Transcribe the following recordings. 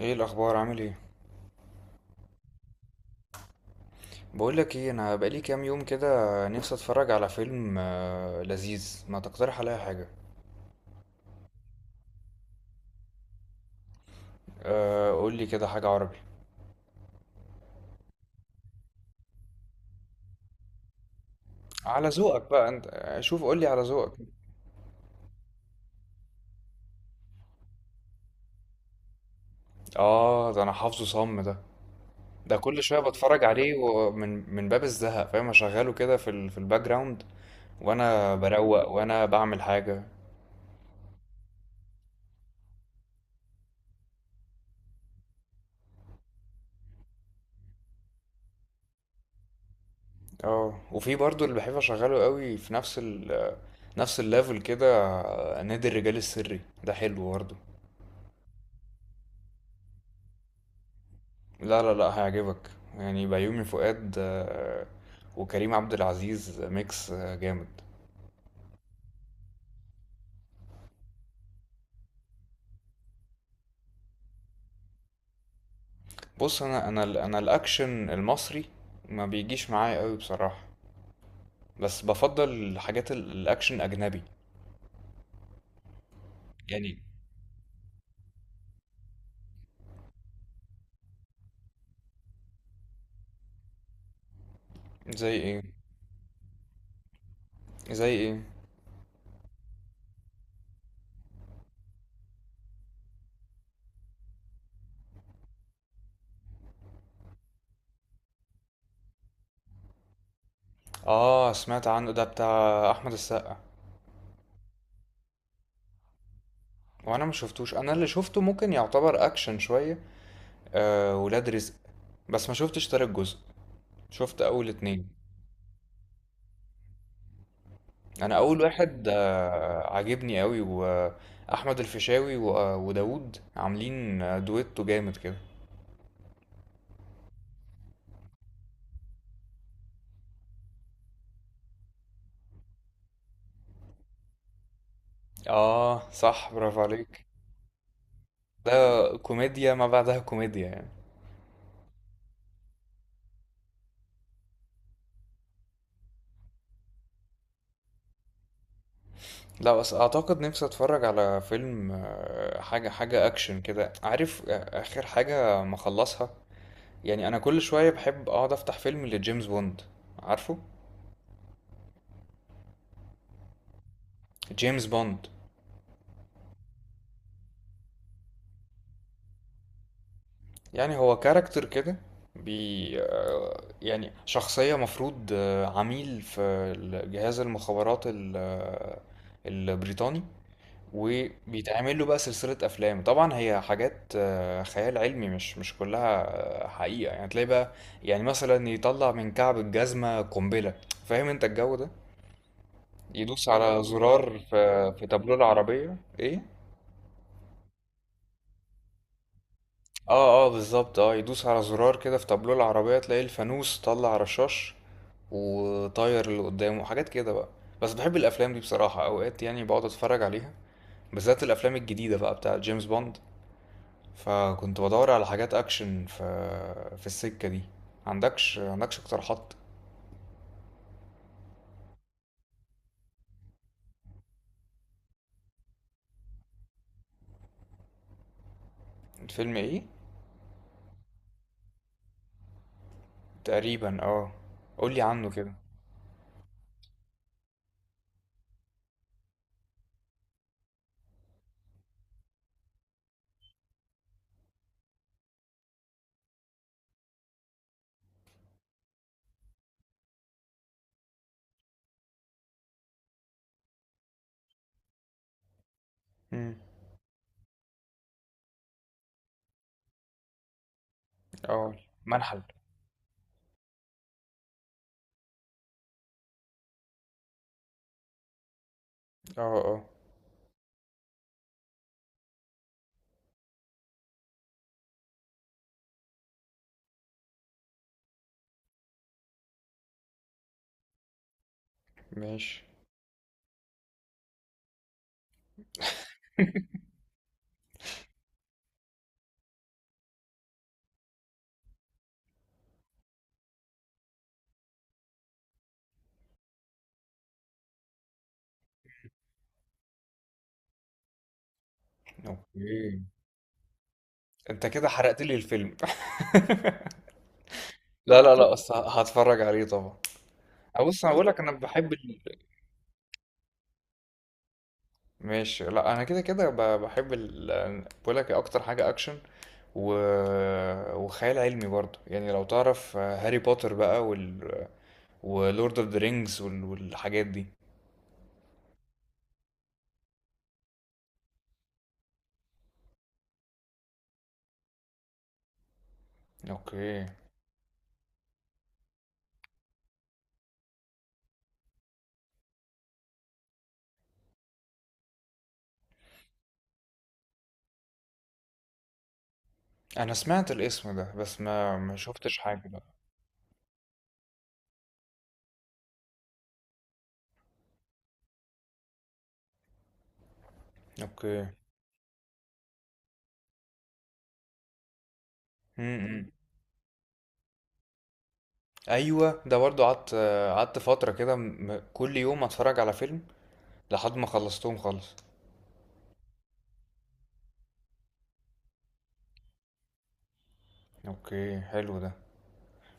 ايه الاخبار؟ عامل ايه؟ بقول لك ايه، انا بقالي كام يوم كده نفسي اتفرج على فيلم لذيذ. ما تقترح عليا حاجه؟ قول لي كده حاجه عربي. على ذوقك بقى انت، شوف قول لي على ذوقك. اه، ده انا حافظه صم ده. ده كل شويه بتفرج عليه، ومن باب الزهق، فاهم؟ اشغله كده في الباك جراوند. وانا بروق وانا بعمل حاجه. اه، وفي برضو اللي بحب اشغله قوي في نفس الليفل كده. نادي الرجال السري ده حلو برضه. لا لا لا، هيعجبك. يعني بيومي فؤاد، وكريم عبد العزيز، ميكس جامد. بص، انا الاكشن المصري ما بيجيش معايا قوي بصراحة، بس بفضل الاكشن اجنبي. يعني زي ايه؟ زي ايه؟ اه سمعت عنه، ده بتاع احمد السقا. وانا ما شفتوش. انا اللي شفته ممكن يعتبر اكشن شوية، آه، ولاد رزق. بس ما شفتش تالت جزء، شفت اول اتنين. انا اول واحد عاجبني قوي، واحمد الفيشاوي وداوود عاملين دويتو جامد كده. اه صح، برافو عليك. ده كوميديا ما بعدها كوميديا يعني. لا بس اعتقد نفسي اتفرج على فيلم، حاجه اكشن كده، عارف؟ اخر حاجه مخلصها يعني. انا كل شويه بحب اقعد افتح فيلم لجيمس بوند، عارفه؟ جيمس بوند يعني هو كاركتر كده، بي آه، يعني شخصية مفروض عميل في جهاز المخابرات البريطاني. وبيتعمل له بقى سلسلة أفلام، طبعا هي حاجات خيال علمي، مش كلها حقيقة يعني. تلاقي بقى يعني مثلا يطلع من كعب الجزمة قنبلة، فاهم انت الجو ده؟ يدوس على زرار في تابلوه العربية، ايه؟ اه اه بالظبط، اه يدوس على زرار كده في تابلو العربية، تلاقي الفانوس طلع رشاش وطاير اللي قدامه، وحاجات كده بقى. بس بحب الافلام دي بصراحة، اوقات يعني بقعد اتفرج عليها، بالذات الافلام الجديدة بقى بتاعة جيمس بوند. فكنت بدور على حاجات اكشن في السكة دي. عندكش اقتراحات؟ فيلم ايه؟ تقريبا اه. قولي عنه كده. امم. اه. منحل. اه اه. ماشي. اوكي. انت كده حرقت لي الفيلم. لا لا لا، أصل هتفرج عليه طبعا. بص انا بقول لك انا بحب ال... ماشي، لا انا كده كده بحب ال... بقول لك، اكتر حاجه اكشن و... وخيال علمي برضه يعني. لو تعرف هاري بوتر بقى وال... ولورد اوف ذا رينجز وال... والحاجات دي. اوكي. انا سمعت الاسم ده بس ما شفتش حاجه بقى. اوكي. امم، ايوه ده برضه قعدت. قعدت فتره كده، م... كل يوم اتفرج على فيلم لحد ما خلصتهم خالص. اوكي، حلو ده.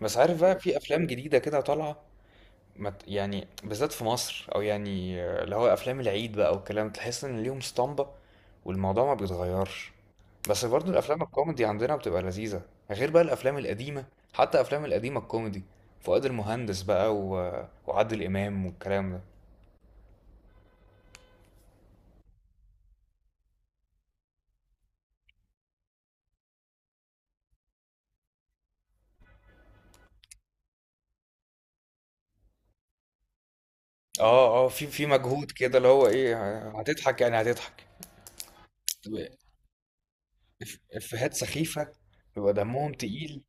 بس عارف بقى، في افلام جديده كده طالعه، ما ت- يعني بالذات في مصر، او يعني اللي هو افلام العيد بقى والكلام، تحس ان ليهم اسطمبه والموضوع ما بيتغيرش. بس برضو الافلام الكوميدي عندنا بتبقى لذيذه، غير بقى الافلام القديمه، حتى افلام القديمه الكوميدي، فؤاد المهندس بقى و... وعادل امام والكلام ده. اه اه، في مجهود كده اللي هو ايه، هتضحك يعني هتضحك. طب افيهات سخيفه، بيبقى دمهم تقيل.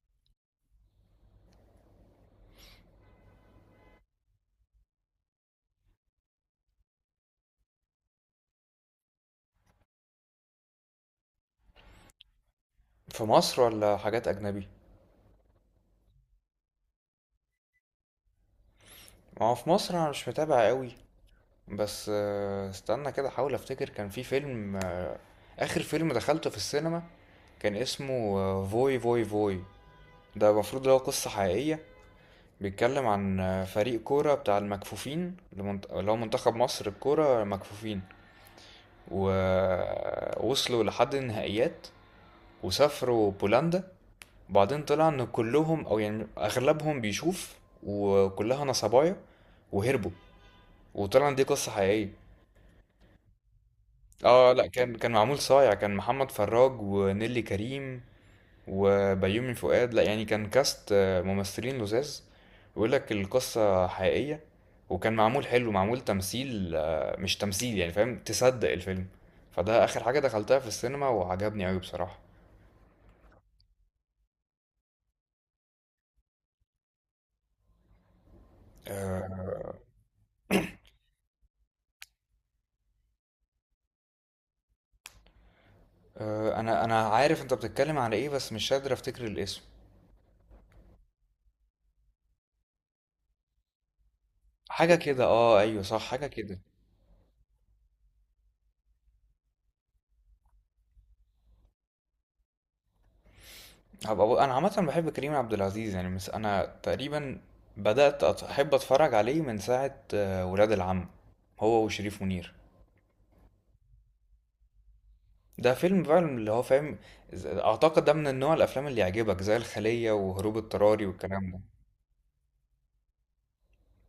في مصر ولا حاجات اجنبي؟ ما هو في مصر انا مش متابع قوي، بس استنى كده احاول افتكر. كان في فيلم، اخر فيلم دخلته في السينما، كان اسمه فوي فوي فوي. ده المفروض اللي هو قصة حقيقية، بيتكلم عن فريق كورة بتاع المكفوفين، اللي هو منتخب مصر الكورة مكفوفين، ووصلوا لحد النهائيات وسافروا بولندا. وبعدين طلع ان كلهم او يعني اغلبهم بيشوف، وكلها نصبايا وهربوا، وطلع ان دي قصة حقيقية. اه لا كان، كان معمول صايع، كان محمد فراج ونيلي كريم وبيومي فؤاد، لا يعني كان كاست ممثلين لذاذ. بيقول لك القصة حقيقية، وكان معمول حلو، معمول تمثيل مش تمثيل يعني، فاهم؟ تصدق الفيلم. فده آخر حاجة دخلتها في السينما وعجبني أوي بصراحة. آه آه، أنا عارف أنت بتتكلم على إيه، بس مش قادر أفتكر الاسم. حاجة كده، اه أيوه صح، حاجة كده. انا عامه بحب كريم عبد العزيز يعني، مس انا تقريبا احب اتفرج عليه من ساعه ولاد العم، هو وشريف منير. ده فيلم فعلا اللي هو فاهم، اعتقد ده من النوع الافلام اللي يعجبك زي الخليه وهروب اضطراري والكلام ده،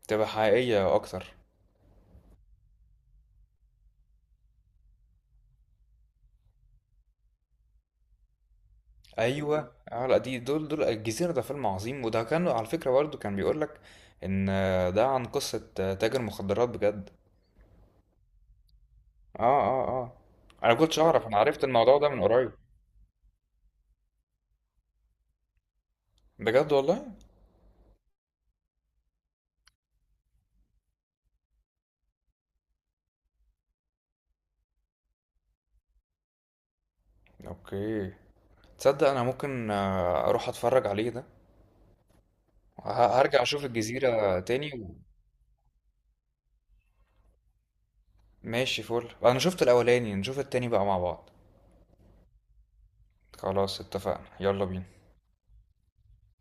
تبقى حقيقيه اكتر. ايوه اه لا، دي دول الجزيره ده فيلم عظيم، وده كان على فكره برضه، كان بيقول لك ان ده عن قصه تاجر مخدرات بجد. اه اه اه. انا كنتش اعرف، انا عرفت الموضوع ده من قريب، بجد والله. اوكي، تصدق انا ممكن اروح اتفرج عليه ده، هرجع اشوف الجزيرة تاني و... ماشي، فل، انا شفت الاولاني نشوف التاني بقى مع بعض. خلاص اتفقنا، يلا بينا.